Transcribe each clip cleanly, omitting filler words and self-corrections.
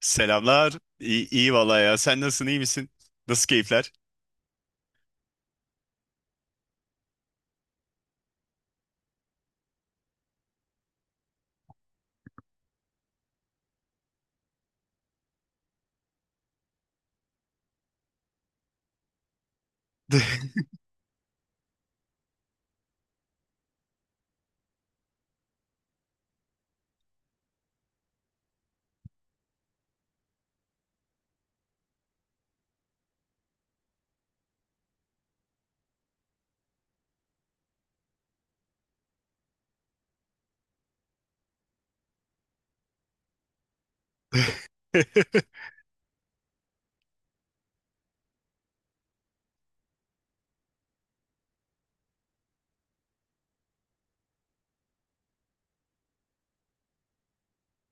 Selamlar. İyi, valla ya. Sen nasılsın? İyi misin? Nasıl keyifler?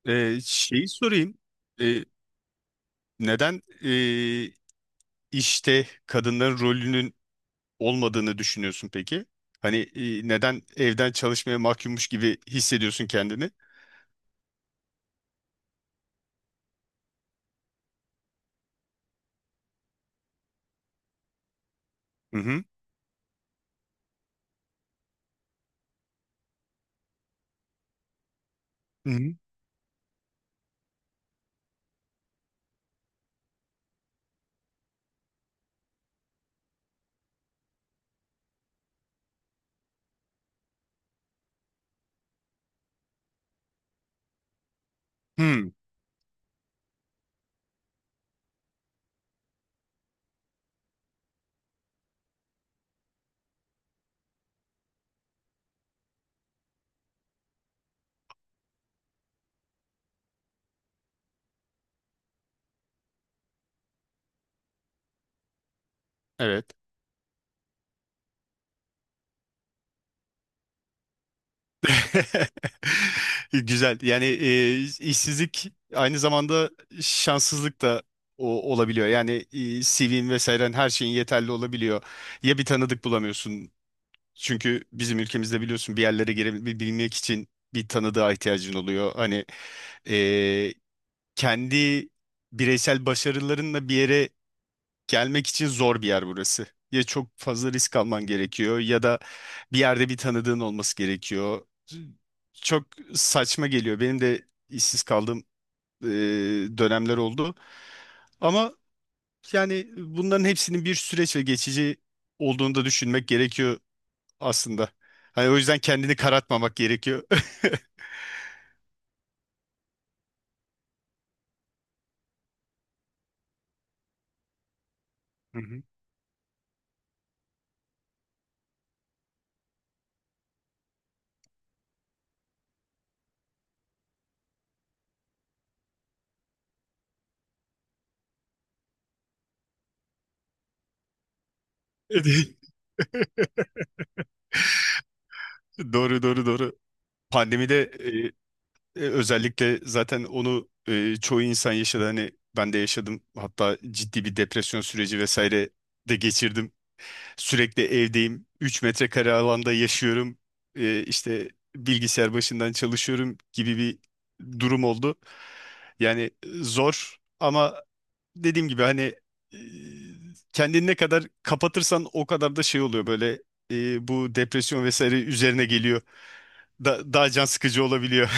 Şeyi sorayım. Ee, Neden işte kadınların rolünün olmadığını düşünüyorsun peki? Hani neden evden çalışmaya mahkummuş gibi hissediyorsun kendini? Hı hı. Hı hı. Hı. Evet. Güzel. Yani işsizlik aynı zamanda şanssızlık da olabiliyor. Yani CV'in vesairen her şeyin yeterli olabiliyor. Ya bir tanıdık bulamıyorsun. Çünkü bizim ülkemizde biliyorsun bir yerlere girebilmek için bir tanıdığa ihtiyacın oluyor. Hani e, kendi bireysel başarılarınla bir yere gelmek için zor bir yer burası. Ya çok fazla risk alman gerekiyor ya da bir yerde bir tanıdığın olması gerekiyor. Çok saçma geliyor. Benim de işsiz kaldığım e, dönemler oldu. Ama yani bunların hepsinin bir süreç ve geçici olduğunu da düşünmek gerekiyor aslında. Hani o yüzden kendini karartmamak gerekiyor. Hı hı. Doğru, doğru, doğru. Pandemide. Özellikle zaten onu çoğu insan yaşadı. Hani ben de yaşadım. Hatta ciddi bir depresyon süreci vesaire de geçirdim. Sürekli evdeyim. 3 metrekare alanda yaşıyorum. İşte bilgisayar başından çalışıyorum gibi bir durum oldu. Yani zor ama dediğim gibi hani e, kendini ne kadar kapatırsan o kadar da şey oluyor böyle bu depresyon vesaire üzerine geliyor. Daha can sıkıcı olabiliyor.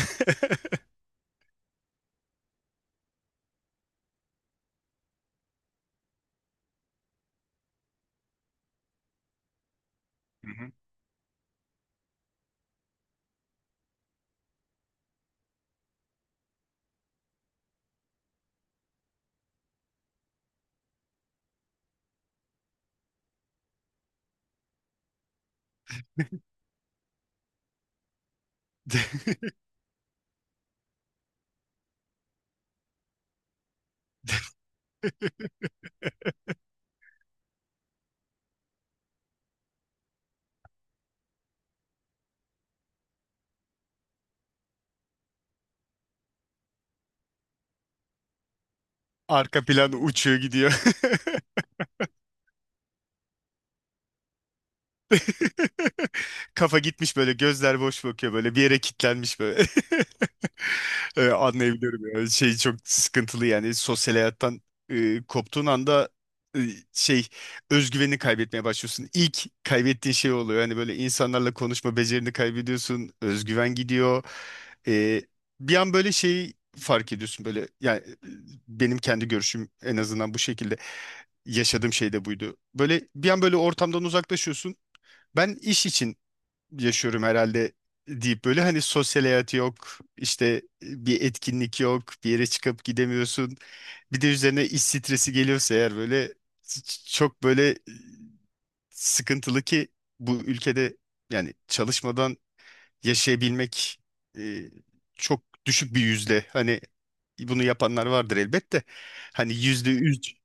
Arka plan uçuyor gidiyor. Kafa gitmiş, böyle gözler boş bakıyor, böyle bir yere kilitlenmiş böyle. Anlayabiliyorum ya. Şey çok sıkıntılı, yani sosyal hayattan koptuğun anda e, şey özgüvenini kaybetmeye başlıyorsun. İlk kaybettiğin şey oluyor. Yani böyle insanlarla konuşma becerini kaybediyorsun. Özgüven gidiyor. Ee, Bir an böyle şeyi fark ediyorsun, böyle yani benim kendi görüşüm en azından bu şekilde. Yaşadığım şey de buydu. Böyle bir an böyle ortamdan uzaklaşıyorsun. Ben iş için yaşıyorum herhalde deyip böyle hani sosyal hayatı yok, işte bir etkinlik yok, bir yere çıkıp gidemiyorsun. Bir de üzerine iş stresi geliyorsa eğer böyle çok böyle sıkıntılı, ki bu ülkede yani çalışmadan yaşayabilmek e, çok düşük bir yüzde. Hani bunu yapanlar vardır elbette. Hani yüzde üç,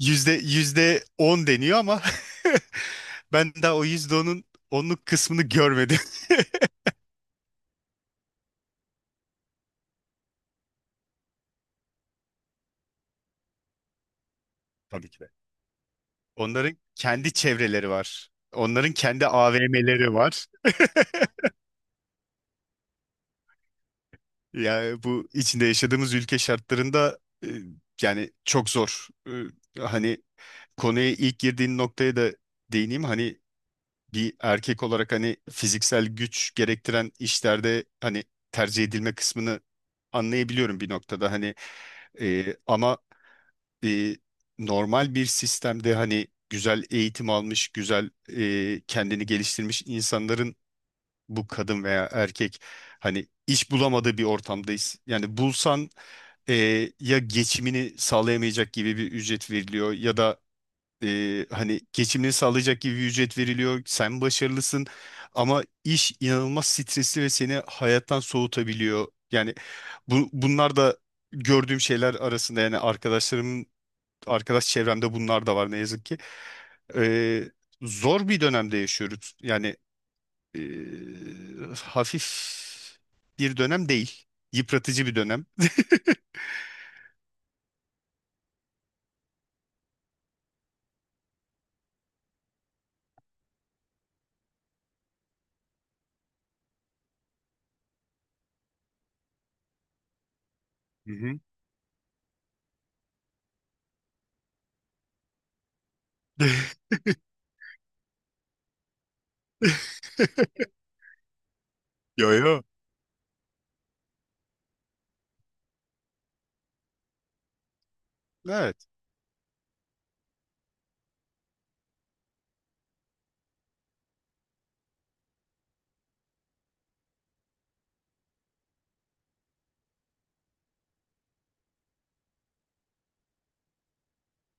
yüzde on deniyor ama ben daha o yüzde onun onluk kısmını görmedim. Tabii ki de. Onların kendi çevreleri var. Onların kendi AVM'leri var. Yani bu içinde yaşadığımız ülke şartlarında e, yani çok zor. Hani konuya ilk girdiğin noktaya da değineyim. Hani bir erkek olarak hani fiziksel güç gerektiren işlerde hani tercih edilme kısmını anlayabiliyorum bir noktada. Hani ama e, normal bir sistemde hani güzel eğitim almış, güzel kendini geliştirmiş insanların bu kadın veya erkek hani iş bulamadığı bir ortamdayız. Yani bulsan e, ya geçimini sağlayamayacak gibi bir ücret veriliyor ya da hani geçimini sağlayacak gibi bir ücret veriliyor. Sen başarılısın ama iş inanılmaz stresli ve seni hayattan soğutabiliyor. Yani bunlar da gördüğüm şeyler arasında, yani arkadaş çevremde bunlar da var ne yazık ki. Ee, Zor bir dönemde yaşıyoruz. Yani hafif bir dönem değil. Yıpratıcı bir dönem. Hı hı. Yo yo. Evet.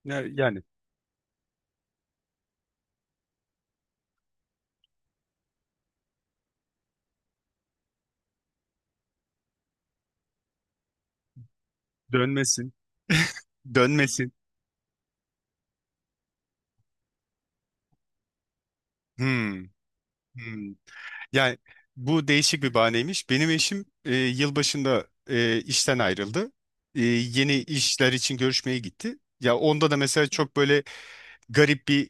Yani dönmesi. Dönmesin. Hmm, hmm. Yani bu değişik bir bahaneymiş. Benim eşim yılbaşında işten ayrıldı. Yeni işler için görüşmeye gitti. Ya onda da mesela çok böyle garip bir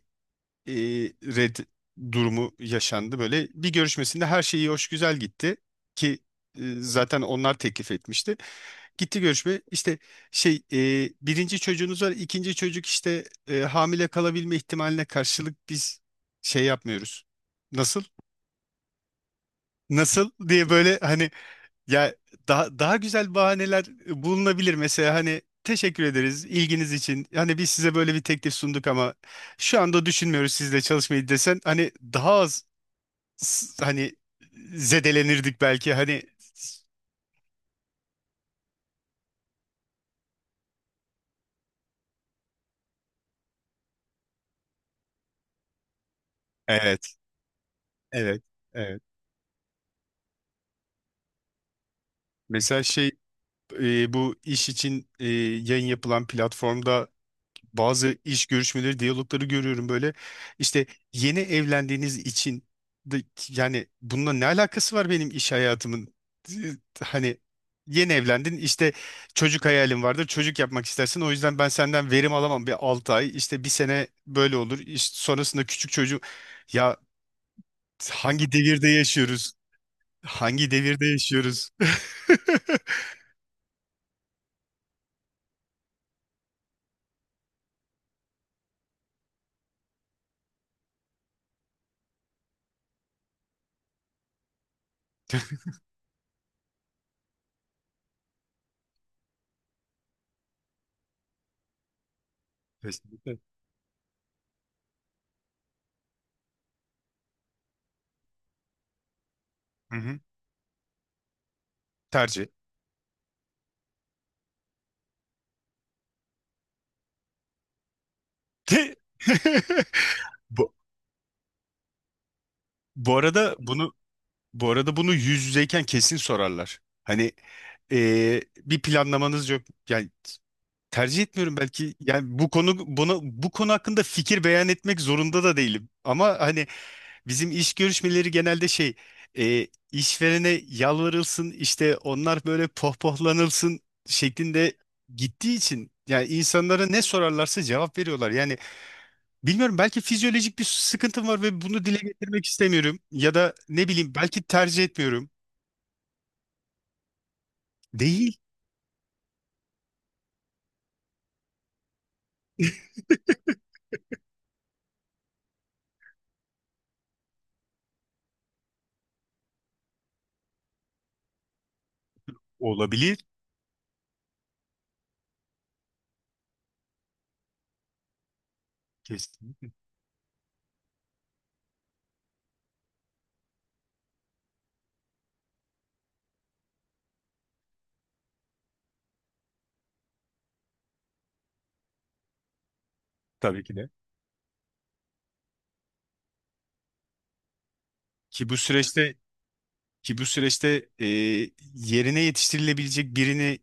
e, red durumu yaşandı. Böyle bir görüşmesinde her şey iyi hoş güzel gitti ki zaten onlar teklif etmişti. Gitti görüşme. İşte birinci çocuğunuz var, ikinci çocuk işte hamile kalabilme ihtimaline karşılık biz şey yapmıyoruz. Nasıl? Nasıl diye böyle hani ya daha güzel bahaneler bulunabilir. Mesela hani teşekkür ederiz ilginiz için. Hani biz size böyle bir teklif sunduk ama şu anda düşünmüyoruz sizle çalışmayı desen hani daha az hani zedelenirdik belki hani. Evet, evet, evet. Mesela bu iş için yayın yapılan platformda bazı iş görüşmeleri, diyalogları görüyorum böyle. İşte yeni evlendiğiniz için de, yani bununla ne alakası var benim iş hayatımın? E, Hani yeni evlendin, işte çocuk hayalin vardır, çocuk yapmak istersin, o yüzden ben senden verim alamam bir 6 ay, işte bir sene böyle olur, işte sonrasında küçük çocuğu, ya hangi devirde yaşıyoruz, hangi devirde yaşıyoruz? Kesinlikle. Hı hı. Tercih. De- bu, bu arada bunu, bu arada bunu yüz yüzeyken kesin sorarlar. Hani bir planlamanız yok. Yani tercih etmiyorum belki. Yani bu konu hakkında fikir beyan etmek zorunda da değilim. Ama hani bizim iş görüşmeleri genelde işverene yalvarılsın, işte onlar böyle pohpohlanılsın şeklinde gittiği için yani insanlara ne sorarlarsa cevap veriyorlar. Yani bilmiyorum, belki fizyolojik bir sıkıntım var ve bunu dile getirmek istemiyorum. Ya da ne bileyim, belki tercih etmiyorum. Değil. Olabilir. Kesin. Tabii ki de. Ki bu süreçte, ki bu süreçte yerine yetiştirilebilecek birini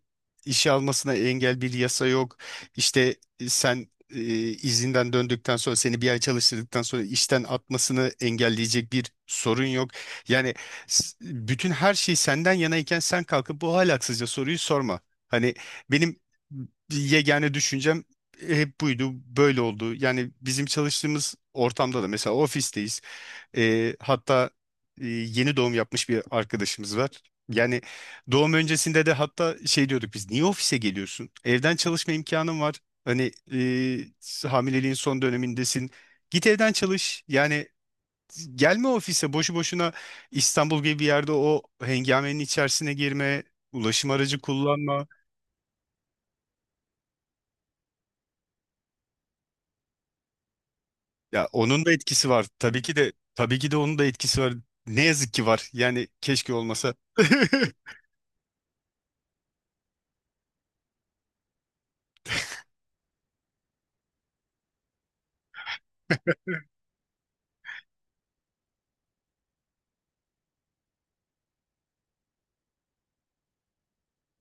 işe almasına engel bir yasa yok. İşte sen izinden döndükten sonra seni bir ay çalıştırdıktan sonra işten atmasını engelleyecek bir sorun yok. Yani bütün her şey senden yanayken sen kalkıp bu ahlaksızca soruyu sorma. Hani benim yegane düşüncem hep buydu, böyle oldu. Yani bizim çalıştığımız ortamda da mesela ofisteyiz. Hatta yeni doğum yapmış bir arkadaşımız var. Yani doğum öncesinde de hatta şey diyorduk, biz niye ofise geliyorsun? Evden çalışma imkanın var. Hani hamileliğin son dönemindesin. Git evden çalış. Yani gelme ofise boşu boşuna, İstanbul gibi bir yerde o hengamenin içerisine girme, ulaşım aracı kullanma. Ya onun da etkisi var. Tabii ki de, tabii ki de, onun da etkisi var. Ne yazık ki var. Yani keşke olmasa.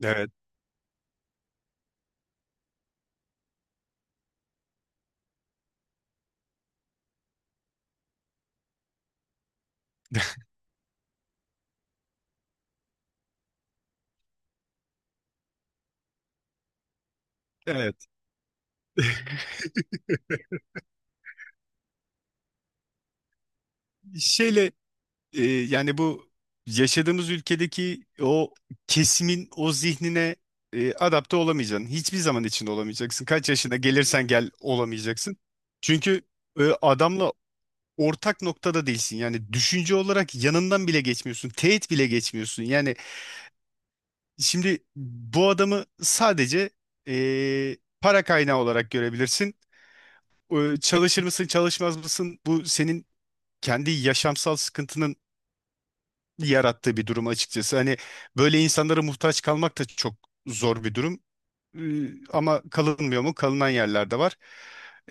Evet, evet. Şeyle yani bu yaşadığımız ülkedeki o kesimin o zihnine adapte olamayacaksın. Hiçbir zaman içinde olamayacaksın. Kaç yaşına gelirsen gel olamayacaksın. Çünkü adamla ortak noktada değilsin. Yani düşünce olarak yanından bile geçmiyorsun. Teğet bile geçmiyorsun. Yani şimdi bu adamı sadece para kaynağı olarak görebilirsin. Çalışır mısın, çalışmaz mısın? Bu senin kendi yaşamsal sıkıntının yarattığı bir durum açıkçası. Hani böyle insanlara muhtaç kalmak da çok zor bir durum. Ama kalınmıyor mu? Kalınan yerler de var.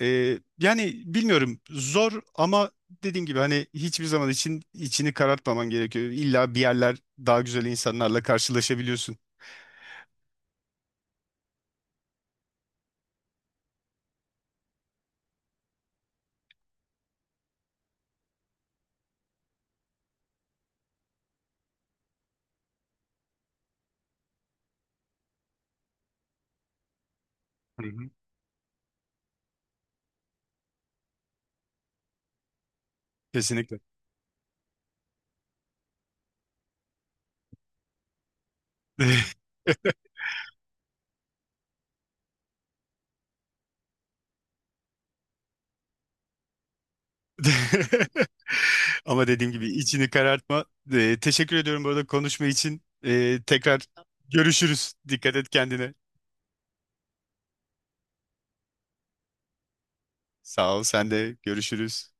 Yani bilmiyorum, zor ama dediğim gibi hani hiçbir zaman için içini karartmaman gerekiyor. İlla bir yerler daha güzel insanlarla karşılaşabiliyorsun. Hı hı. Kesinlikle. Ama dediğim gibi içini karartma. Teşekkür ediyorum bu arada konuşma için. Tekrar görüşürüz. Dikkat et kendine. Sağ ol, sen de görüşürüz.